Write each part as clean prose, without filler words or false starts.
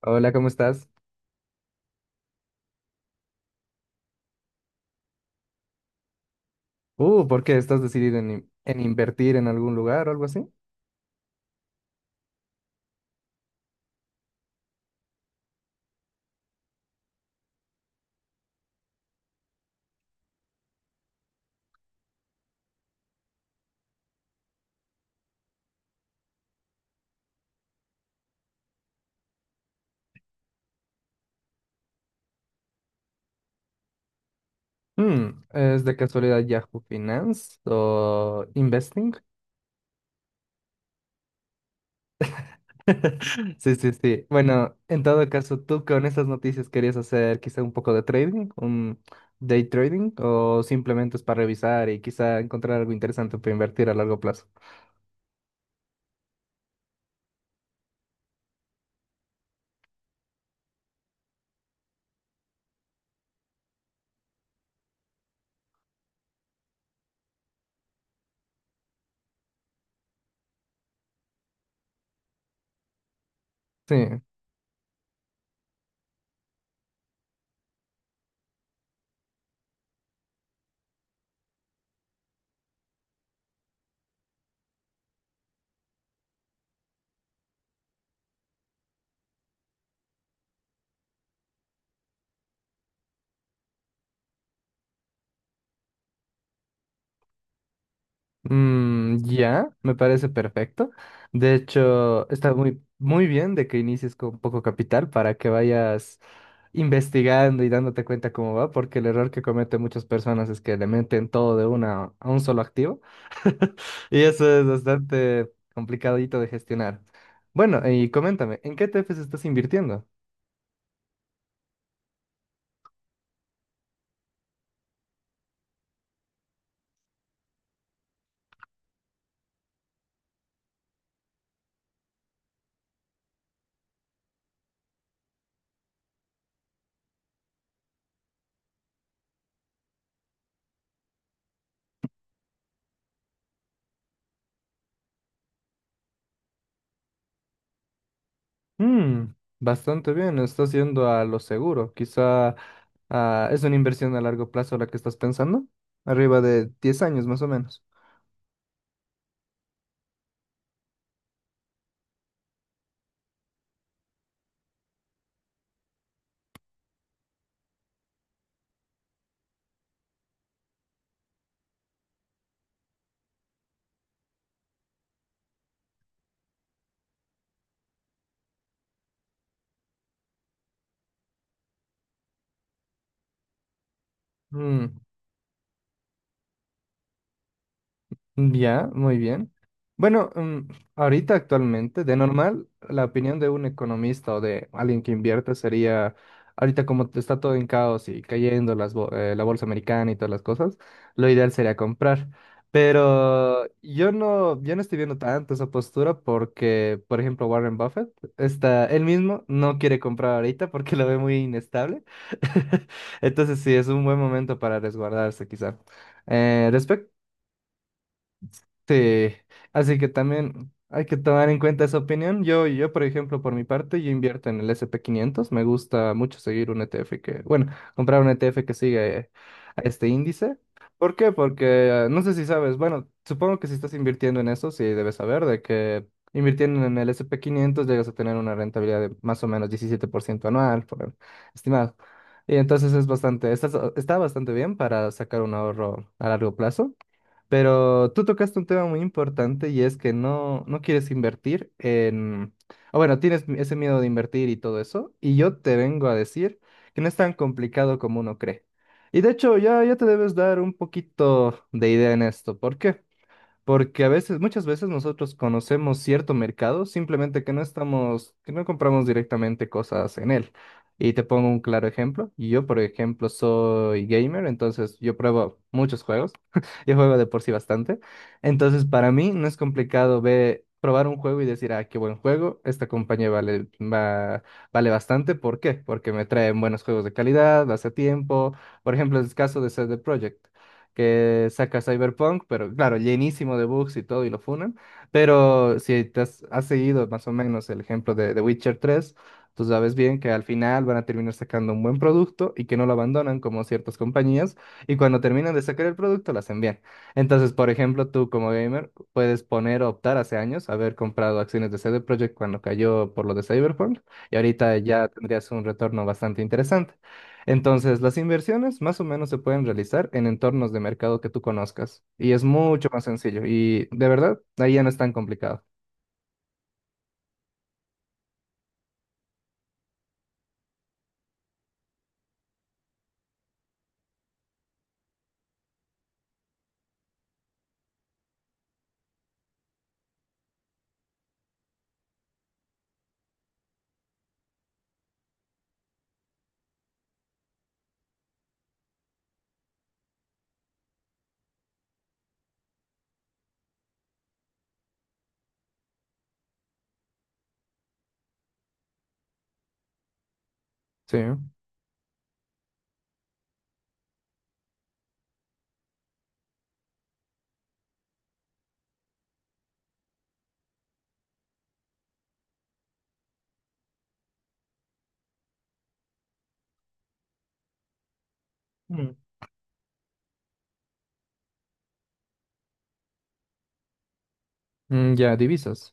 Hola, ¿cómo estás? ¿Por qué estás decidido en invertir en algún lugar o algo así? ¿Es de casualidad Yahoo Finance o Investing? Sí, sí, sí. Bueno, en todo caso, ¿tú con estas noticias querías hacer quizá un poco de trading, un day trading, o simplemente es para revisar y quizá encontrar algo interesante para invertir a largo plazo? Sí. Ya, me parece perfecto. De hecho, está muy, muy bien de que inicies con poco capital para que vayas investigando y dándote cuenta cómo va, porque el error que cometen muchas personas es que le meten todo de una a un solo activo y eso es bastante complicadito de gestionar. Bueno, y coméntame, ¿en qué ETFs estás invirtiendo? Mm, Bastante bien, estás yendo a lo seguro. Quizá es una inversión a largo plazo la que estás pensando, arriba de 10 años más o menos. Mm, ya, muy bien. Bueno, ahorita actualmente, de normal, la opinión de un economista o de alguien que invierte sería, ahorita como está todo en caos y cayendo las la bolsa americana y todas las cosas, lo ideal sería comprar. Pero yo no, yo no estoy viendo tanto esa postura porque, por ejemplo, Warren Buffett, él mismo no quiere comprar ahorita porque lo ve muy inestable. Entonces sí, es un buen momento para resguardarse quizá. Eh, Sí, así que también hay que tomar en cuenta esa opinión. Yo, por ejemplo, por mi parte, yo invierto en el S&P 500. Me gusta mucho seguir un ETF que, bueno, comprar un ETF que sigue a este índice. ¿Por qué? Porque no sé si sabes, bueno, supongo que si estás invirtiendo en eso, sí debes saber de que invirtiendo en el S&P 500 llegas a tener una rentabilidad de más o menos 17% anual, estimado. Y entonces es bastante, está bastante bien para sacar un ahorro a largo plazo. Pero tú tocaste un tema muy importante y es que no quieres invertir en. O bueno, tienes ese miedo de invertir y todo eso. Y yo te vengo a decir que no es tan complicado como uno cree. Y de hecho, ya te debes dar un poquito de idea en esto. ¿Por qué? Porque a veces, muchas veces nosotros conocemos cierto mercado, simplemente que no compramos directamente cosas en él. Y te pongo un claro ejemplo. Yo, por ejemplo, soy gamer, entonces yo pruebo muchos juegos. Yo juego de por sí bastante. Entonces, para mí no es complicado ver, probar un juego y decir, ah, qué buen juego, esta compañía vale, vale bastante. ¿Por qué? Porque me traen buenos juegos de calidad, hace tiempo. Por ejemplo, es el caso de CD Projekt que saca Cyberpunk, pero claro, llenísimo de bugs y todo, y lo funan. Pero si te has seguido más o menos el ejemplo de The Witcher 3, tú sabes bien que al final van a terminar sacando un buen producto y que no lo abandonan como ciertas compañías, y cuando terminan de sacar el producto, lo hacen bien. Entonces, por ejemplo, tú como gamer puedes poner o optar hace años haber comprado acciones de CD Projekt cuando cayó por lo de Cyberpunk, y ahorita ya tendrías un retorno bastante interesante. Entonces, las inversiones más o menos se pueden realizar en entornos de mercado que tú conozcas y es mucho más sencillo y de verdad, ahí ya no es tan complicado. Sí. Mm. Mm, ya, divisas.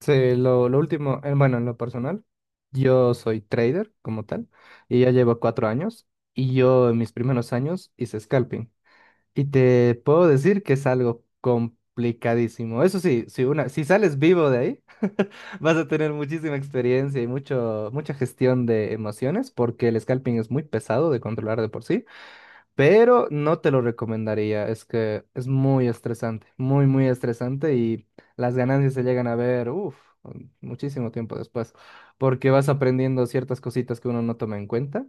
Sí, lo último, bueno, en lo personal, yo soy trader como tal y ya llevo 4 años y yo en mis primeros años hice scalping. Y te puedo decir que es algo complicadísimo. Eso sí, si sales vivo de ahí, vas a tener muchísima experiencia y mucha gestión de emociones, porque el scalping es muy pesado de controlar de por sí pero no te lo recomendaría. Es que es muy estresante, muy, muy estresante y las ganancias se llegan a ver, uff, muchísimo tiempo después, porque vas aprendiendo ciertas cositas que uno no toma en cuenta.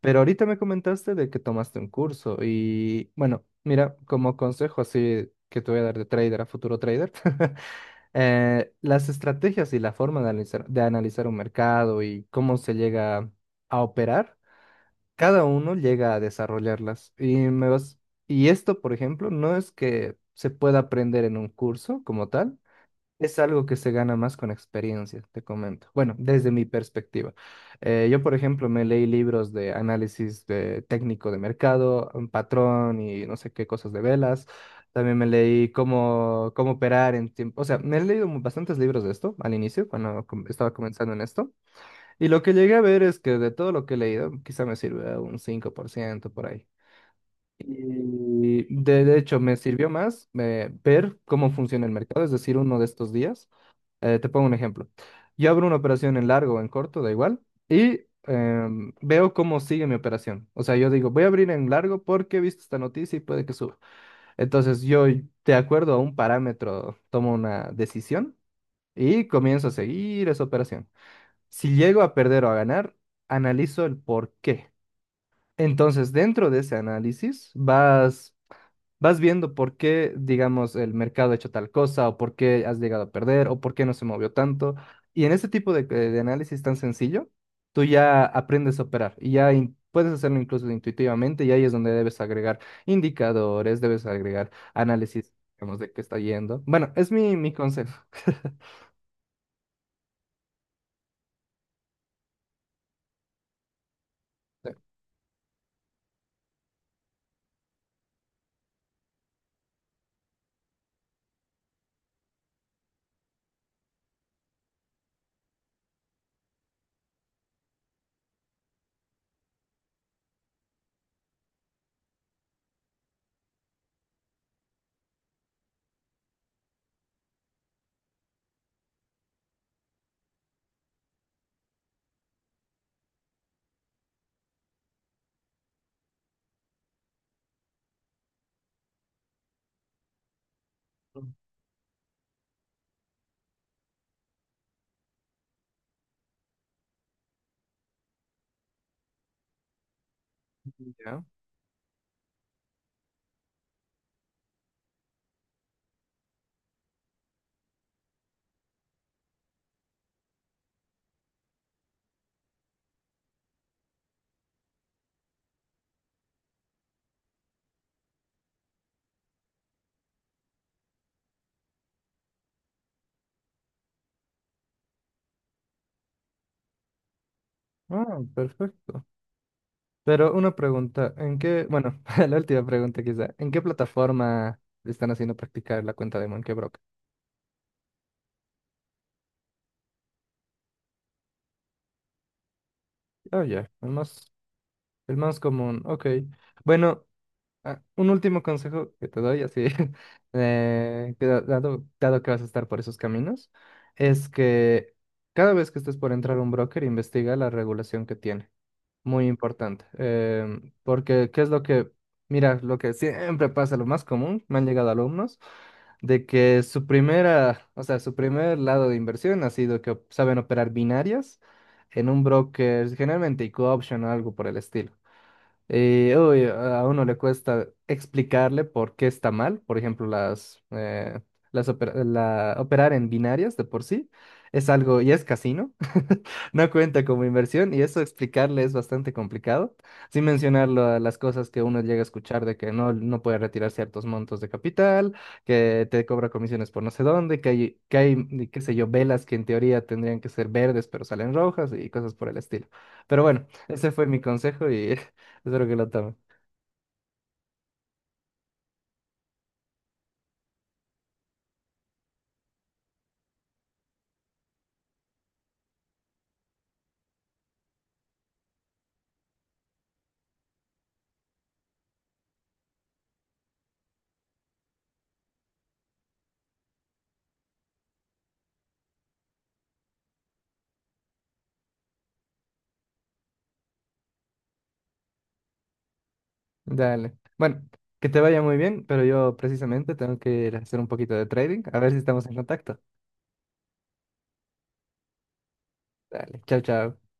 Pero ahorita me comentaste de que tomaste un curso y bueno, mira, como consejo así que te voy a dar de trader a futuro trader, las estrategias y la forma de analizar un mercado y cómo se llega a operar cada uno llega a desarrollarlas. Y esto, por ejemplo, no es que se pueda aprender en un curso como tal, es algo que se gana más con experiencia, te comento. Bueno, desde mi perspectiva. Yo, por ejemplo, me leí libros de análisis de técnico de mercado, un patrón y no sé qué cosas de velas. También me leí cómo operar en tiempo. O sea, me he leído bastantes libros de esto al inicio, cuando estaba comenzando en esto. Y lo que llegué a ver es que de todo lo que he leído, quizá me sirve un 5% por ciento por ahí. Y de hecho, me sirvió más ver cómo funciona el mercado, es decir, uno de estos días. Te pongo un ejemplo. Yo abro una operación en largo o en corto, da igual, y veo cómo sigue mi operación. O sea, yo digo, voy a abrir en largo porque he visto esta noticia y puede que suba. Entonces, yo, de acuerdo a un parámetro, tomo una decisión y comienzo a seguir esa operación. Si llego a perder o a ganar, analizo el por qué. Entonces, dentro de ese análisis, vas viendo por qué, digamos, el mercado ha hecho tal cosa, o por qué has llegado a perder, o por qué no se movió tanto. Y en ese tipo de análisis tan sencillo, tú ya aprendes a operar y ya puedes hacerlo incluso intuitivamente, y ahí es donde debes agregar indicadores, debes agregar análisis, digamos, de qué está yendo. Bueno, es mi consejo. Ya. Ah, perfecto. Pero una pregunta, bueno, la última pregunta quizá, ¿en qué plataforma están haciendo practicar la cuenta de Monkey Brock? Oh, ya, el más común, ok. Bueno, un último consejo que te doy, así, que dado que vas a estar por esos caminos, es que cada vez que estés por entrar a un broker, investiga la regulación que tiene. Muy importante. Porque, ¿qué es lo que, mira, lo que siempre pasa, lo más común, me han llegado alumnos, de que su primera, o sea, su primer lado de inversión ha sido que saben operar binarias en un broker, generalmente y option o algo por el estilo. Y uy, a uno le cuesta explicarle por qué está mal. Por ejemplo, operar en binarias de por sí es algo y es casino. No cuenta como inversión y eso explicarle es bastante complicado. Sin mencionar las cosas que uno llega a escuchar de que no puede retirar ciertos montos de capital, que te cobra comisiones por no sé dónde, que hay, qué sé yo, velas que en teoría tendrían que ser verdes pero salen rojas y cosas por el estilo. Pero bueno. Ese fue mi consejo y espero que lo tome. Dale. Bueno, que te vaya muy bien, pero yo precisamente tengo que ir a hacer un poquito de trading. A ver si estamos en contacto. Dale. Chao, chao.